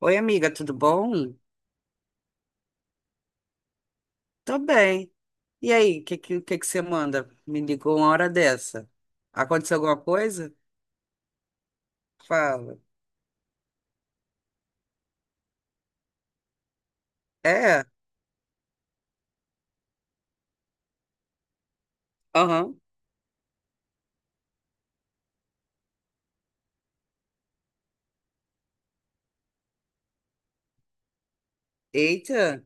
Oi, amiga, tudo bom? Tô bem. E aí, o que que você manda? Me ligou uma hora dessa. Aconteceu alguma coisa? Fala. É? Aham. Eita.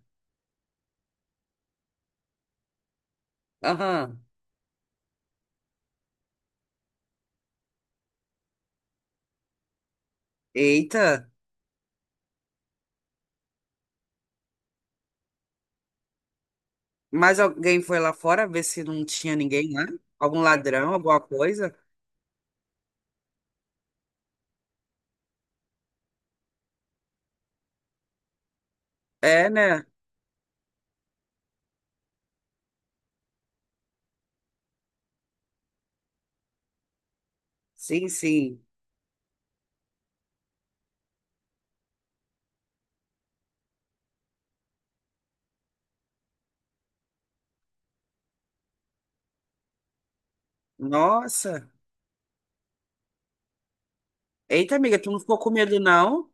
Aham. Eita. Mas alguém foi lá fora ver se não tinha ninguém lá? Algum ladrão, alguma coisa? É, né? Sim, sim. Nossa. Eita, amiga, tu não ficou com medo, não?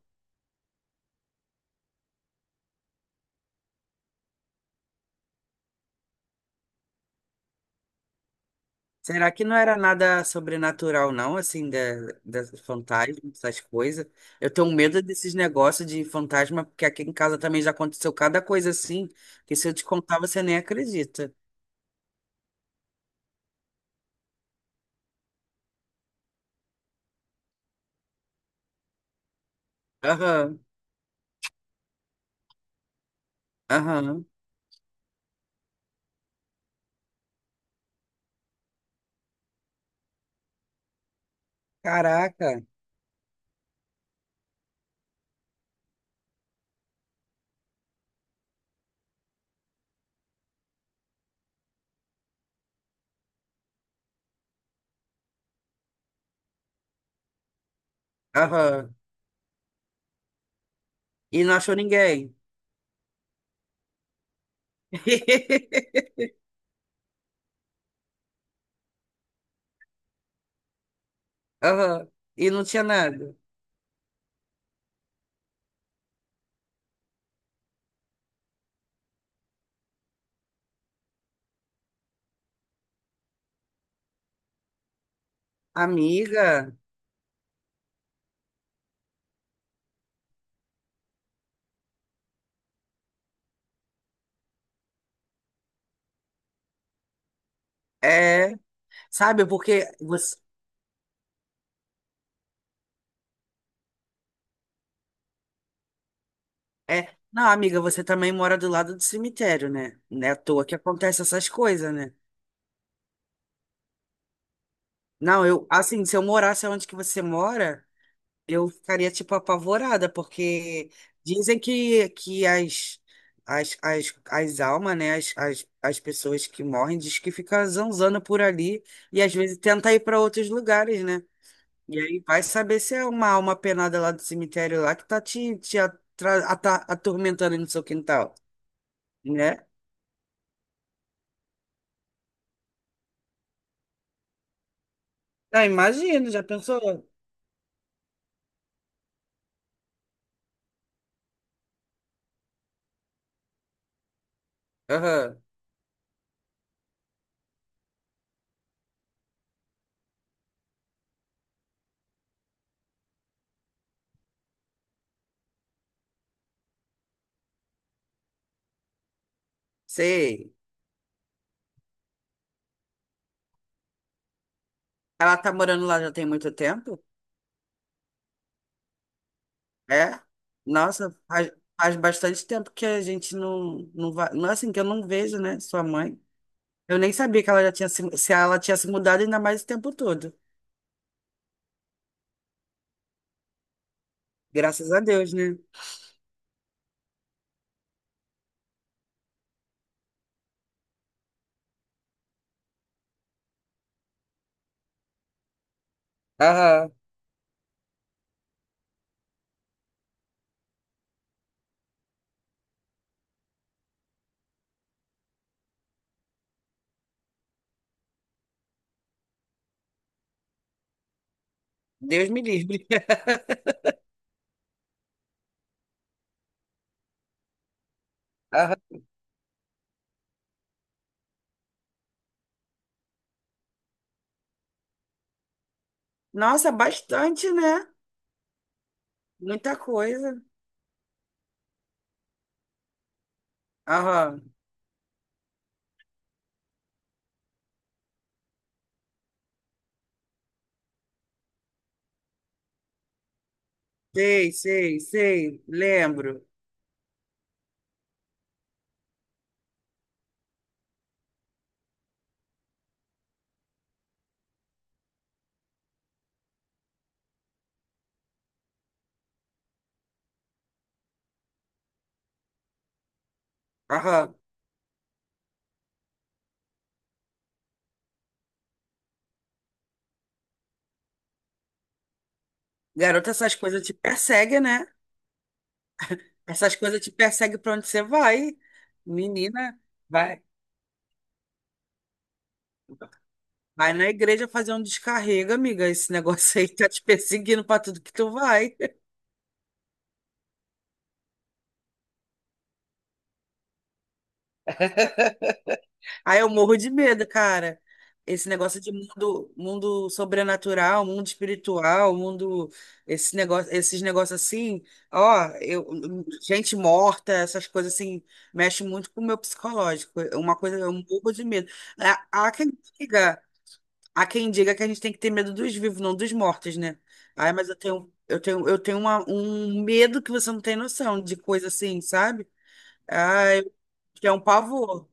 Será que não era nada sobrenatural, não, assim, da, das fantasmas, essas coisas? Eu tenho medo desses negócios de fantasma, porque aqui em casa também já aconteceu cada coisa assim, que se eu te contar, você nem acredita. Aham, aham. Caraca, aham. E não achou ninguém. Aham. E não tinha nada. Amiga, é. Sabe, porque você. É. Não, amiga, você também mora do lado do cemitério, né? Não é à toa que acontece essas coisas, né? Não, eu, assim, se eu morasse onde que você mora, eu ficaria, tipo, apavorada, porque dizem que, que as almas, né, as pessoas que morrem, diz que fica zanzando por ali e às vezes tenta ir para outros lugares, né? E aí vai saber se é uma alma penada lá do cemitério lá que tá te, atormentando no seu quintal, né? Ah, imagino, já pensou? Aham, sei. Ela tá morando lá já tem muito tempo? É? Nossa, faz bastante tempo que a gente não, não vai. Não é assim que eu não vejo, né? Sua mãe. Eu nem sabia que ela já tinha se, ela tinha se mudado ainda mais o tempo todo. Graças a Deus, né? Aham. Deus me livre. Aham. Nossa, bastante, né? Muita coisa. Aham. Sei, sei, sei. Lembro. Aham. Garota, essas coisas te perseguem, né? Essas coisas te perseguem pra onde você vai. Menina, vai. Vai na igreja fazer um descarrego, amiga. Esse negócio aí tá te perseguindo pra tudo que tu vai. Aí eu morro de medo, cara. Esse negócio de mundo, mundo sobrenatural, mundo espiritual, mundo, esse negócio, esses negócios assim, ó, eu, gente morta, essas coisas assim, mexe muito com o meu psicológico. É uma coisa, eu morro de medo. Há há quem diga Há quem diga que a gente tem que ter medo dos vivos, não dos mortos, né? Ai, mas eu tenho um medo que você não tem noção de coisa assim, sabe? Ai, que é um pavor.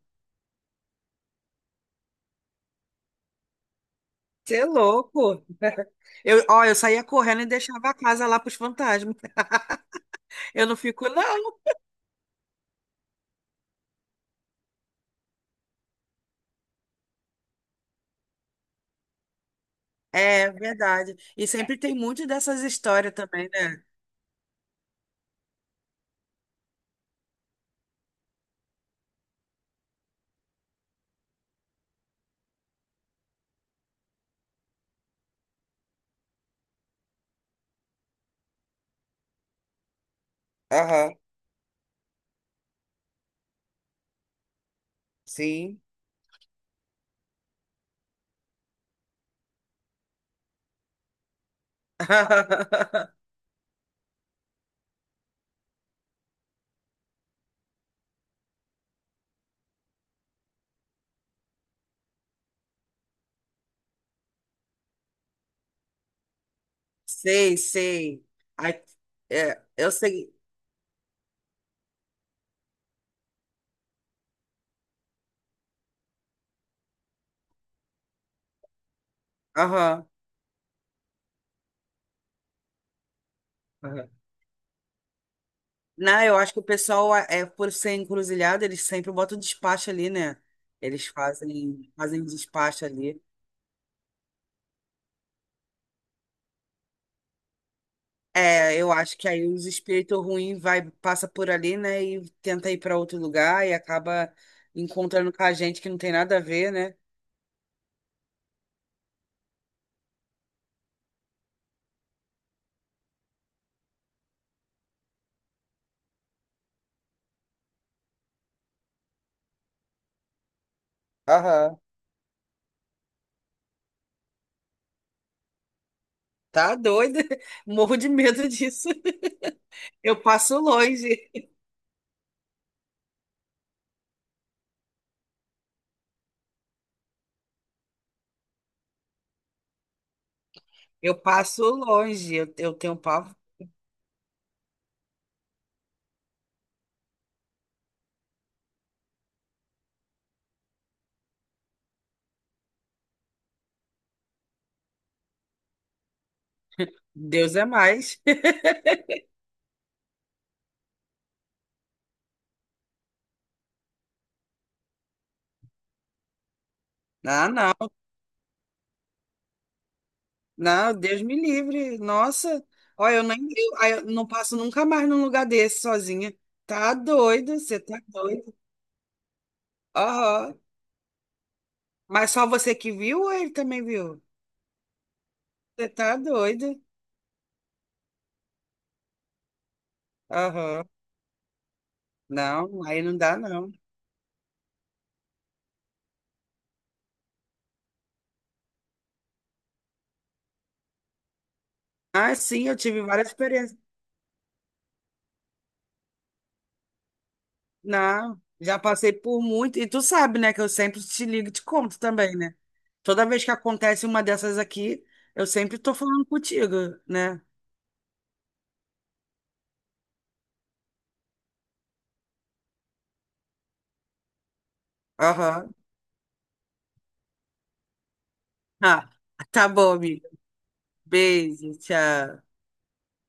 Você é louco. Eu, ó, eu saía correndo e deixava a casa lá pros fantasmas. Eu não fico, não. É verdade. E sempre tem muito dessas histórias também, né? Aham, sim. Sei, sei. Ai, é, eu sei. Aham. Não, eu acho que o pessoal, é, por ser encruzilhada, eles sempre botam despacho ali, né? Eles fazem despacho ali. É, eu acho que aí os espíritos ruins vai, passa por ali, né? E tenta ir para outro lugar e acaba encontrando com a gente que não tem nada a ver, né? Aham. Tá doido. Morro de medo disso. Eu passo longe. Eu passo longe. Eu tenho pavor. Deus é mais. Ah, não. Não, Deus me livre. Nossa, olha, eu nem eu, aí eu não passo nunca mais num lugar desse sozinha. Tá doido, você tá doido. Aham. Mas só você que viu ou ele também viu? Você tá doido. Aham. Não, aí não dá, não. Ah, sim, eu tive várias experiências. Não, já passei por muito. E tu sabe, né, que eu sempre te ligo e te conto também, né? Toda vez que acontece uma dessas aqui, eu sempre tô falando contigo, né? Aham. Ah, tá bom, amigo. Beijo, tchau.